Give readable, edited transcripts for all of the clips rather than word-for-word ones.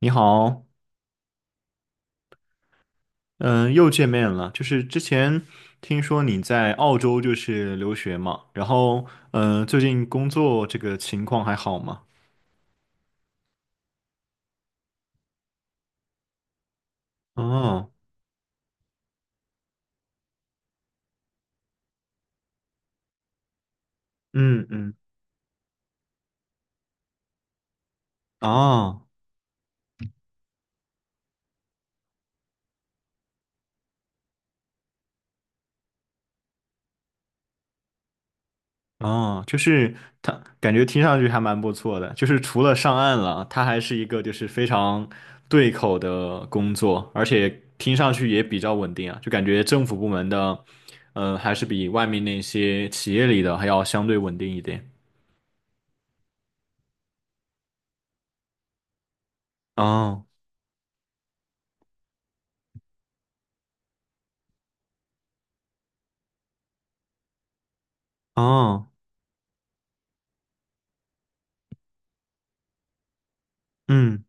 你好，嗯，又见面了。就是之前听说你在澳洲就是留学嘛，然后最近工作这个情况还好吗？哦。嗯嗯。哦哦。就是他感觉听上去还蛮不错的，就是除了上岸了，他还是一个就是非常对口的工作，而且听上去也比较稳定啊，就感觉政府部门的，还是比外面那些企业里的还要相对稳定一点。哦。哦。嗯。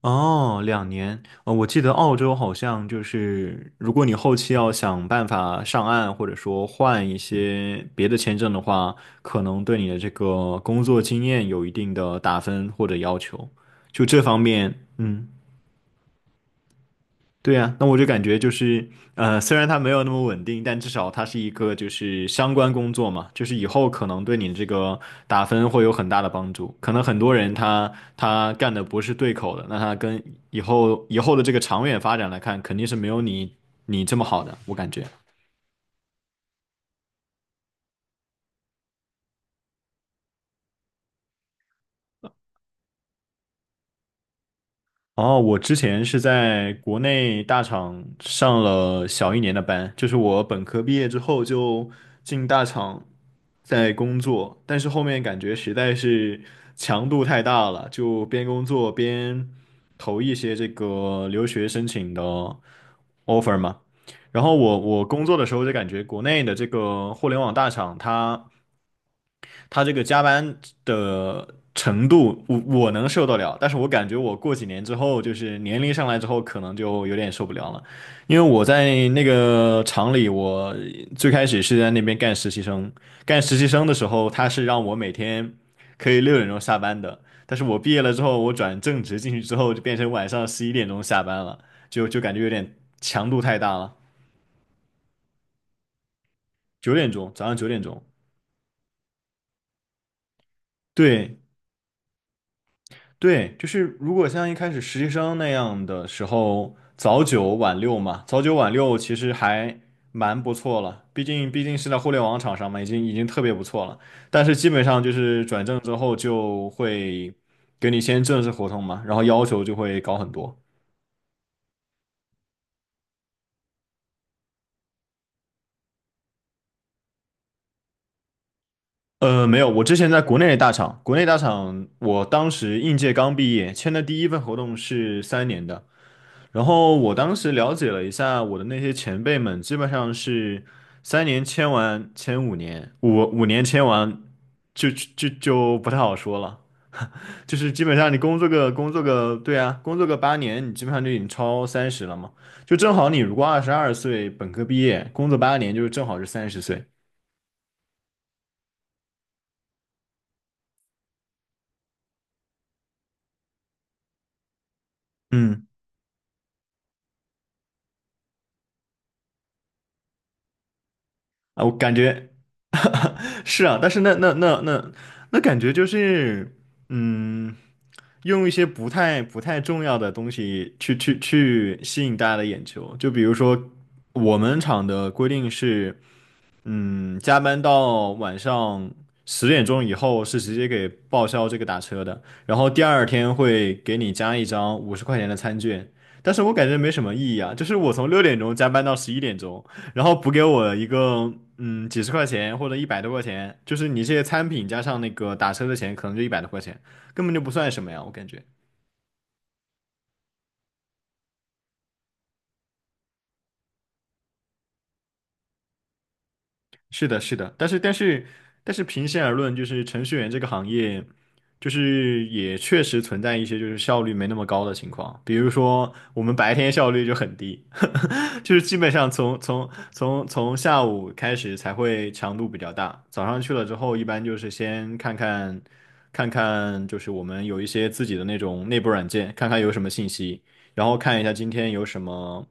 哦，2年，我记得澳洲好像就是，如果你后期要想办法上岸，或者说换一些别的签证的话，可能对你的这个工作经验有一定的打分或者要求，就这方面，嗯。对呀，那我就感觉就是，虽然它没有那么稳定，但至少它是一个就是相关工作嘛，就是以后可能对你这个打分会有很大的帮助。可能很多人他干的不是对口的，那他跟以后的这个长远发展来看，肯定是没有你这么好的，我感觉。哦，我之前是在国内大厂上了小一年的班，就是我本科毕业之后就进大厂在工作，但是后面感觉实在是强度太大了，就边工作边投一些这个留学申请的 offer 嘛。然后我工作的时候就感觉国内的这个互联网大厂它。他这个加班的程度，我能受得了，但是我感觉我过几年之后，就是年龄上来之后，可能就有点受不了了，因为我在那个厂里，我最开始是在那边干实习生，干实习生的时候，他是让我每天可以6点钟下班的，但是我毕业了之后，我转正职进去之后，就变成晚上11点钟下班了，就感觉有点强度太大了。九点钟，早上9点钟。对，对，就是如果像一开始实习生那样的时候，早九晚六嘛，早九晚六其实还蛮不错了，毕竟是在互联网厂商嘛，已经特别不错了。但是基本上就是转正之后就会给你签正式合同嘛，然后要求就会高很多。没有，我之前在国内的大厂，国内大厂我当时应届刚毕业，签的第一份合同是3年的。然后我当时了解了一下，我的那些前辈们基本上是3年签完，签5年，五年签完就不太好说了。就是基本上你工作个，对啊，工作个8年，你基本上就已经超30了嘛。就正好你如果22岁本科毕业，工作8年，就是正好是30岁。嗯。啊，我感觉 是啊，但是那感觉就是，嗯，用一些不太重要的东西去吸引大家的眼球，就比如说我们厂的规定是。加班到晚上10点钟以后是直接给报销这个打车的，然后第二天会给你加一张50块钱的餐券，但是我感觉没什么意义啊，就是我从6点钟加班到11点钟，然后补给我一个几十块钱或者一百多块钱，就是你这些餐品加上那个打车的钱，可能就一百多块钱，根本就不算什么呀，我感觉。是的，是的，但是平心而论，就是程序员这个行业，就是也确实存在一些就是效率没那么高的情况，比如说我们白天效率就很低，就是基本上从下午开始才会强度比较大，早上去了之后，一般就是先看看，就是我们有一些自己的那种内部软件，看看有什么信息，然后看一下今天有什么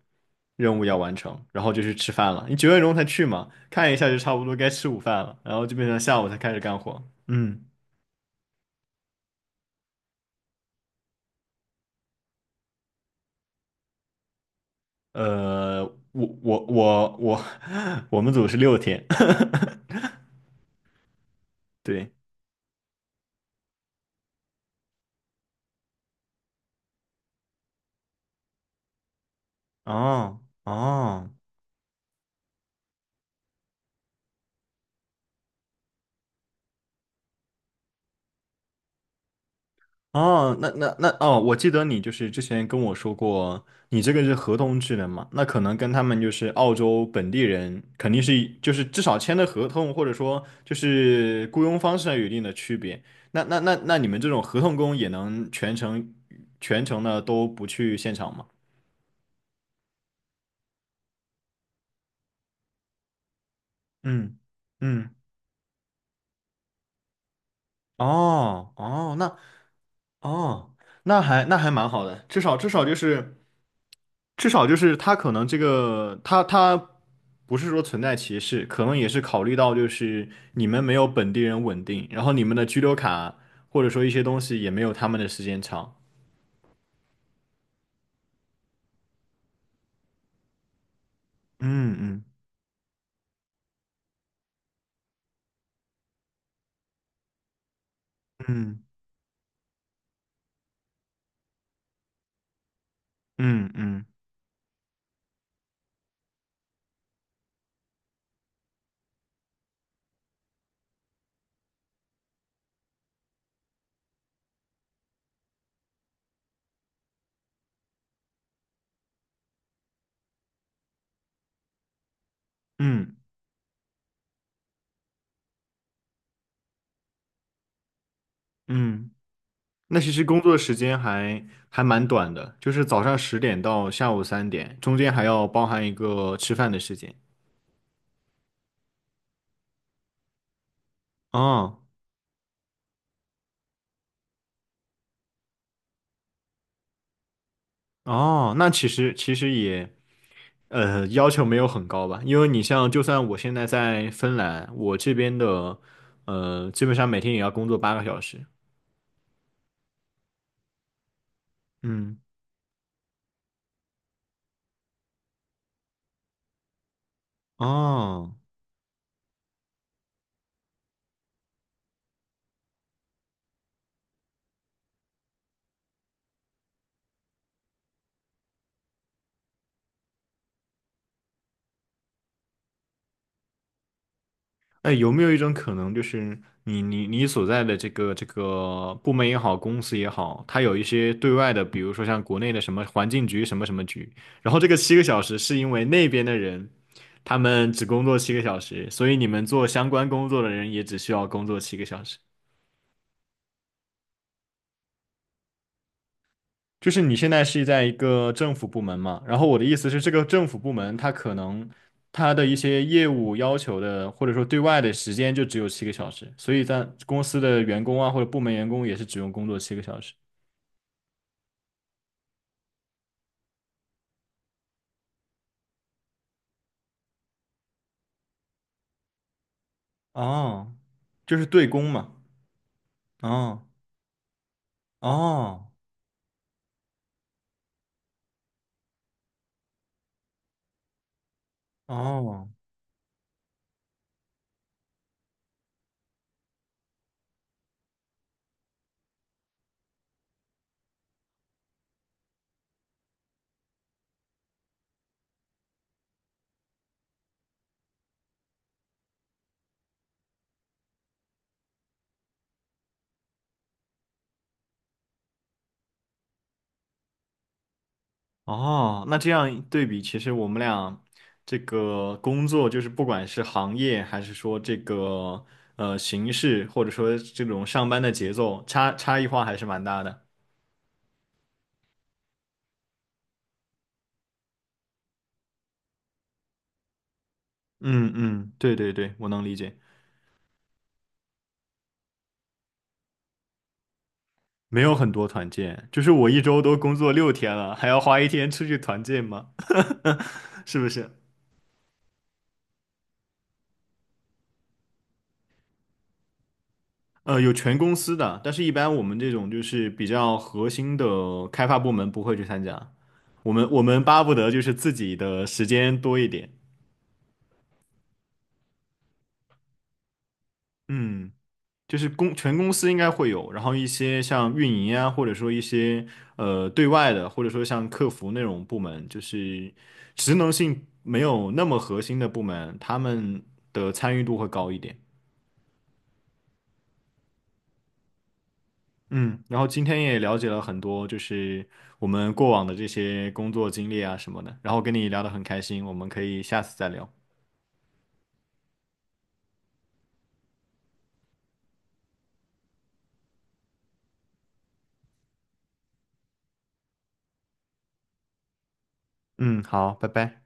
任务要完成，然后就去吃饭了。你九点钟才去嘛，看一下就差不多该吃午饭了，然后基本上下午才开始干活。嗯。呃，我我我我 我们组是6天。对。哦哦。哦，那那那哦，我记得你就是之前跟我说过，你这个是合同制的嘛？那可能跟他们就是澳洲本地人，肯定是就是至少签的合同，或者说就是雇佣方式上有一定的区别。那那那那你们这种合同工也能全程的都不去现场吗？嗯嗯。哦哦。那哦，那还蛮好的，至少就是他可能这个他不是说存在歧视，可能也是考虑到就是你们没有本地人稳定，然后你们的居留卡或者说一些东西也没有他们的时间长。嗯嗯。嗯嗯。嗯嗯。嗯。那其实工作时间还还蛮短的，就是早上10点到下午3点，中间还要包含一个吃饭的时间。哦哦。那其实也要求没有很高吧，因为你像，就算我现在在芬兰，我这边的，基本上每天也要工作8个小时。嗯。哦。哎，有没有一种可能，就是你所在的这个部门也好，公司也好，它有一些对外的，比如说像国内的什么环境局什么什么局，然后这个七个小时是因为那边的人他们只工作7个小时，所以你们做相关工作的人也只需要工作七个小时。就是你现在是在一个政府部门嘛，然后我的意思是，这个政府部门它可能它的一些业务要求的，或者说对外的时间就只有7个小时，所以在公司的员工啊或者部门员工也是只用工作七个小时。哦，就是对公嘛。哦哦。哦。哦，那这样对比，其实我们俩这个工作，就是不管是行业，还是说这个形式，或者说这种上班的节奏，差异化还是蛮大的。嗯嗯。对对对，我能理解。没有很多团建，就是我一周都工作6天了，还要花一天出去团建吗？是不是？有全公司的，但是一般我们这种就是比较核心的开发部门不会去参加，我们巴不得就是自己的时间多一点。嗯。就是全公司应该会有，然后一些像运营啊，或者说一些对外的，或者说像客服那种部门，就是职能性没有那么核心的部门，他们的参与度会高一点。嗯，然后今天也了解了很多，就是我们过往的这些工作经历啊什么的，然后跟你聊得很开心，我们可以下次再聊。嗯，好，拜拜。